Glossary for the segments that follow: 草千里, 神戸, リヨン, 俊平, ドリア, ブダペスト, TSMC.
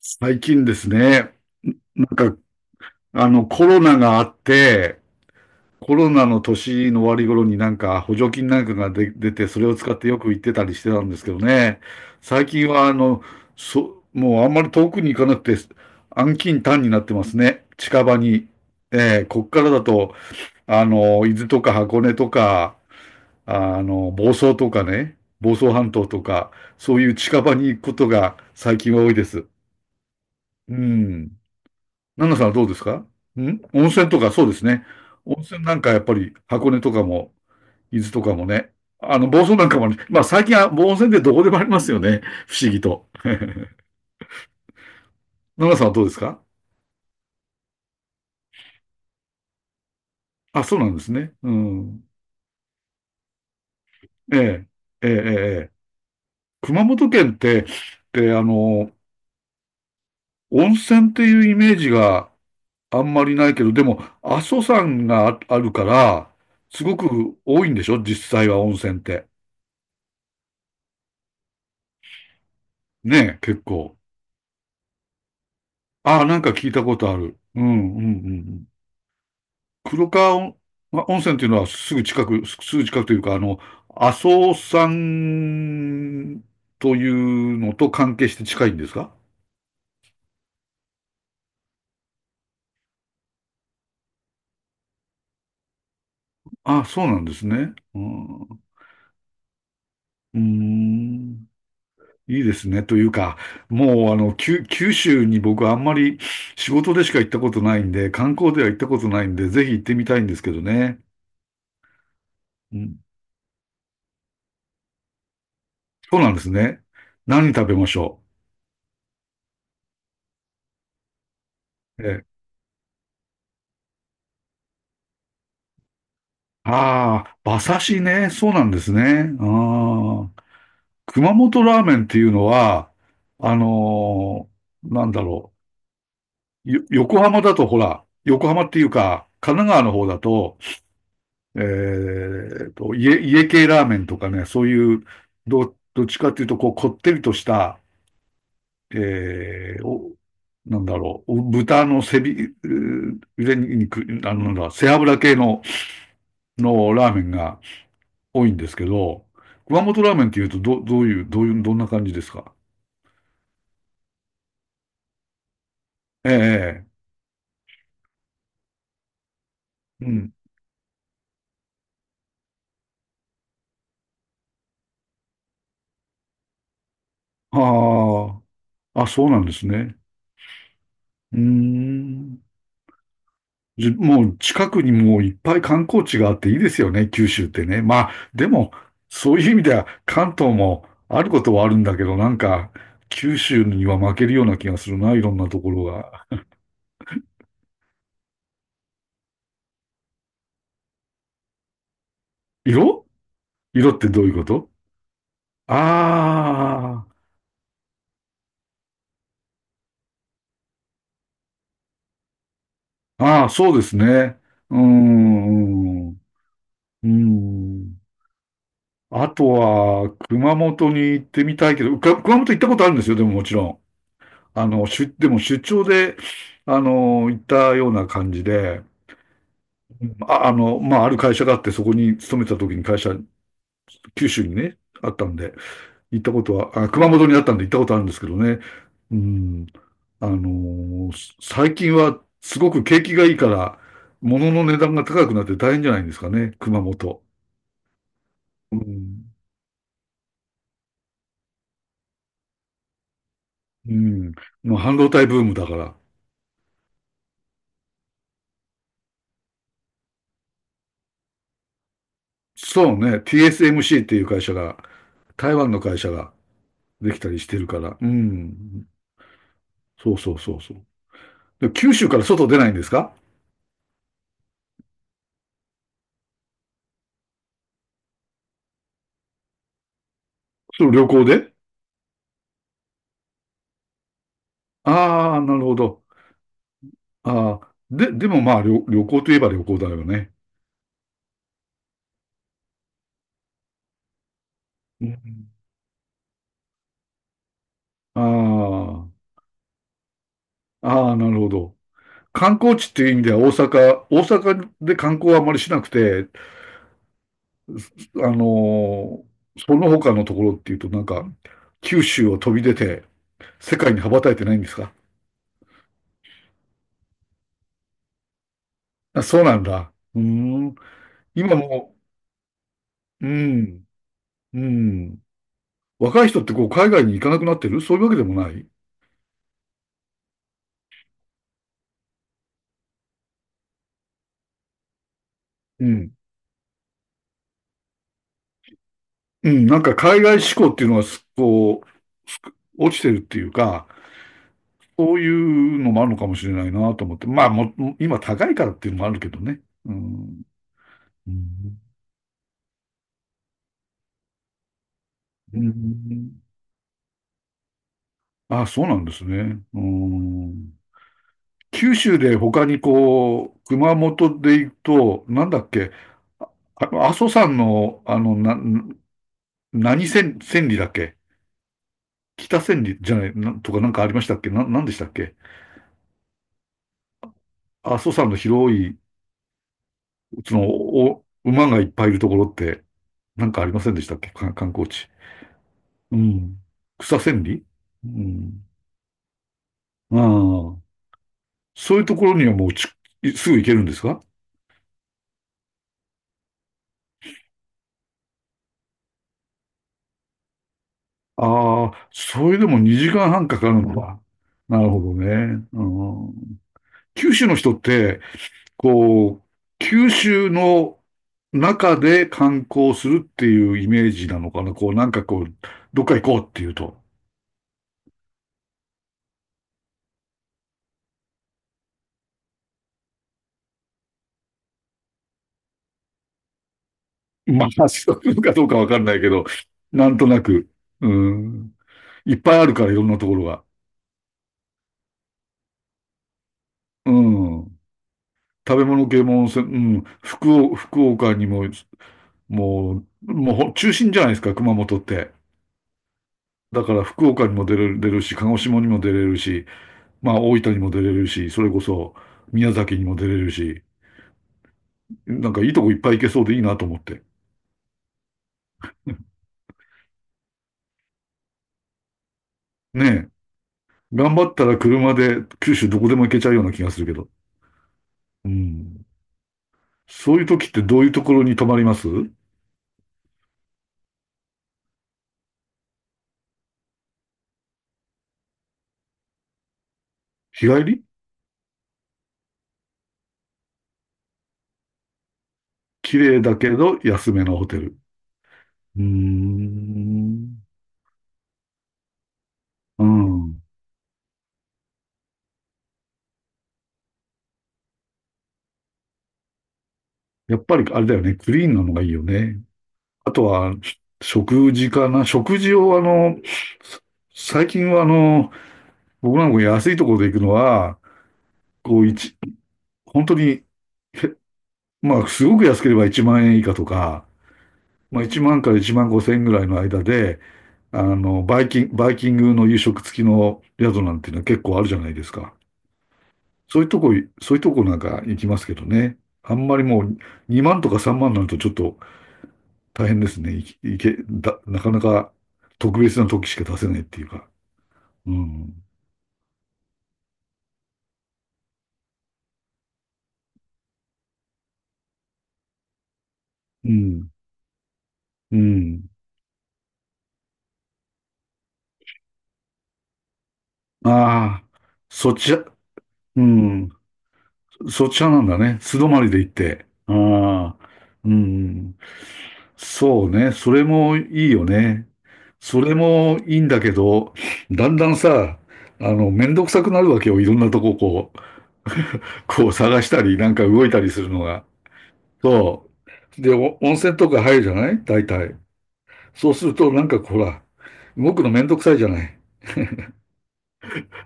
最近ですね、なんか、コロナがあって、コロナの年の終わり頃に補助金が出て、それを使ってよく行ってたりしてたんですけどね。最近はもうあんまり遠くに行かなくて、安近短になってますね、近場に。こっからだと、伊豆とか箱根とか、房総とかね、房総半島とか、そういう近場に行くことが最近は多いです。うん。ナナさんはどうですか？温泉とかそうですね。温泉なんかやっぱり箱根とかも、伊豆とかもね。房総なんかもね。まあ最近はもう温泉でどこでもありますよね。不思議と。ナナさんはどうですか？あ、そうなんですね。うん。ええ、ええ、ええ。ええ、熊本県って、で、あの、温泉っていうイメージがあんまりないけど、でも、阿蘇山があるから、すごく多いんでしょ実際は温泉って。ねえ、結構。ああ、なんか聞いたことある。うん、うん、うん。黒川温ま、温泉っていうのはすぐ近く、すぐ近くというか、あの、阿蘇山というのと関係して近いんですか？ああ、そうなんですね。うん、うーん、いいですね。というか、もう、あの、九州に僕はあんまり仕事でしか行ったことないんで、観光では行ったことないんで、ぜひ行ってみたいんですけどね。うん、そうなんですね。何食べましょう？ええ、ああ、馬刺しね。そうなんですね。ああ、熊本ラーメンっていうのは、あのーなんだろう。横浜だとほら、横浜っていうか、神奈川の方だと、家系ラーメンとかね、そういう、どっちかっていうと、こう、こってりとした、えー、お、なんだろう、豚の背び、う腕肉、あの、なんだ、背脂系の、のラーメンが、多いんですけど、熊本ラーメンっていうと、どういう、どんな感じですか？ええ、ええ、うん。ああ、あ、そうなんですね。うーん。もう近くにもういっぱい観光地があっていいですよね、九州ってね。まあ、でも、そういう意味では関東もあることはあるんだけど、なんか、九州には負けるような気がするな、いろんなところが。色、色ってどういうこと？ああ、ああ、そうですね。うーん。うん。あとは、熊本に行ってみたいけど、熊本行ったことあるんですよ、でももちろん。でも出張で、あの、行ったような感じで、まあ、ある会社があって、そこに勤めてた時に会社、九州にね、あったんで、行ったことは、あ、熊本にあったんで行ったことあるんですけどね。うん。あの、最近はすごく景気がいいから、物の値段が高くなって大変じゃないんですかね、熊本。うん。うん。もう半導体ブームだから。そうね。TSMC っていう会社が、台湾の会社ができたりしてるから。うん。そうそうそうそう。で、九州から外出ないんですか？その旅行で？ああー、なるほど。ああ、で、でもまあ旅行といえば旅行だよね。うん、ああ、ああ、なるほど。観光地っていう意味では大阪で観光はあまりしなくて、あのーその他のところっていうとなんか、九州を飛び出て、世界に羽ばたいてないんですか？あ、そうなんだ。うーん。今も、う、うん、うん。若い人ってこう海外に行かなくなってるそういうわけでもない？うん。うん、なんか海外志向っていうのはこう、落ちてるっていうか、そういうのもあるのかもしれないなと思って。まあ、今高いからっていうのもあるけどね。うん。うん。うん。あ、そうなんですね。うん。九州で他にこう、熊本で行くと、なんだっけ、あの、阿蘇山の何千、千里だっけ？北千里じゃない、なんとか、なんかありましたっけ、なんでしたっけ？阿蘇山の広い、その、馬がいっぱいいるところって、なんかありませんでしたっけ観光地。うん。草千里？うん。ああ。そういうところにはもうすぐ行けるんですか？ああ、それでも2時間半かかるのか。なるほどね。うん、九州の人って、こう、九州の中で観光するっていうイメージなのかな。こう、なんかこう、どっか行こうっていうと。まあ、そういうのかどうかわかんないけど、なんとなく、うん、いっぱいあるから、いろんなところが。うん。食べ物系も温泉、うん。福岡にも、もう、もう中心じゃないですか、熊本って。だから福岡にも出るし、鹿児島にも出れるし、まあ大分にも出れるし、それこそ宮崎にも出れるし、なんかいいとこいっぱい行けそうでいいなと思って。ねえ。頑張ったら車で九州どこでも行けちゃうような気がするけど。うん。そういう時ってどういうところに泊まります？日帰り。綺麗だけど安めのホテル。うーん。うん。やっぱりあれだよね。クリーンなのがいいよね。あとは、食事かな。食事をあの、最近はあの、僕なんか安いところで行くのは、こう一、本当に、へまあ、すごく安ければ1万円以下とか、まあ、1万から1万5千円ぐらいの間で、あの、バイキングの夕食付きの宿なんていうのは結構あるじゃないですか。そういうとこ、そういうとこなんか行きますけどね。あんまりもう2万とか3万になるとちょっと大変ですね。いいけ、だ、なかなか特別な時しか出せないっていうか。うん。うん。うん。ああ、そっちは、うん。そっちはなんだね。素泊まりで行って。ああ、うん。そうね。それもいいよね。それもいいんだけど、だんだんさ、あの、めんどくさくなるわけよ。いろんなとここう、こう探したり、なんか動いたりするのが。そう。で、お温泉とか入るじゃない大体。そうすると、なんかほら、動くのめんどくさいじゃない。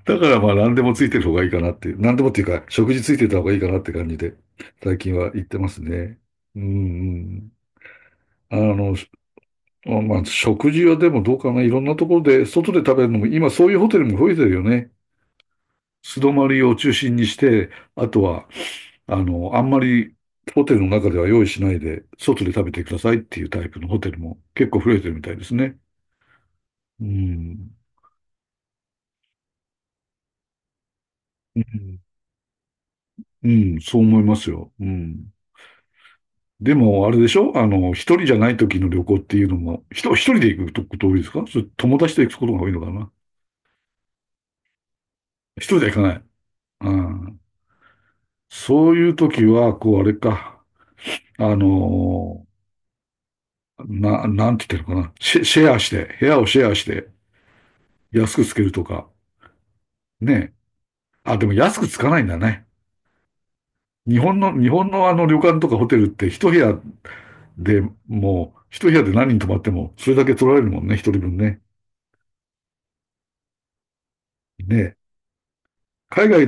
だからまあ、何でもついてる方がいいかなっていう。何でもっていうか、食事ついてた方がいいかなって感じで、最近は言ってますね。うん。うん。あの、まあまあ、食事はでもどうかな。いろんなところで、外で食べるのも、今そういうホテルも増えてるよね。素泊まりを中心にして、あとは、あの、あんまりホテルの中では用意しないで、外で食べてくださいっていうタイプのホテルも結構増えてるみたいですね。うん。うん、うん、そう思いますよ。うん。でも、あれでしょあの、一人じゃない時の旅行っていうのも、一人で行くこと多いですか？それ友達と行くことが多いのかな？一人では行かない。うん。そういう時は、こう、あれか。あのーな、なんて言ってるかな。シェアして、部屋をシェアして、安くつけるとか。ね。あ、でも安くつかないんだね。日本のあの旅館とかホテルって一部屋で、もう、一部屋で何人泊まっても、それだけ取られるもんね、一人分ね。ね。海外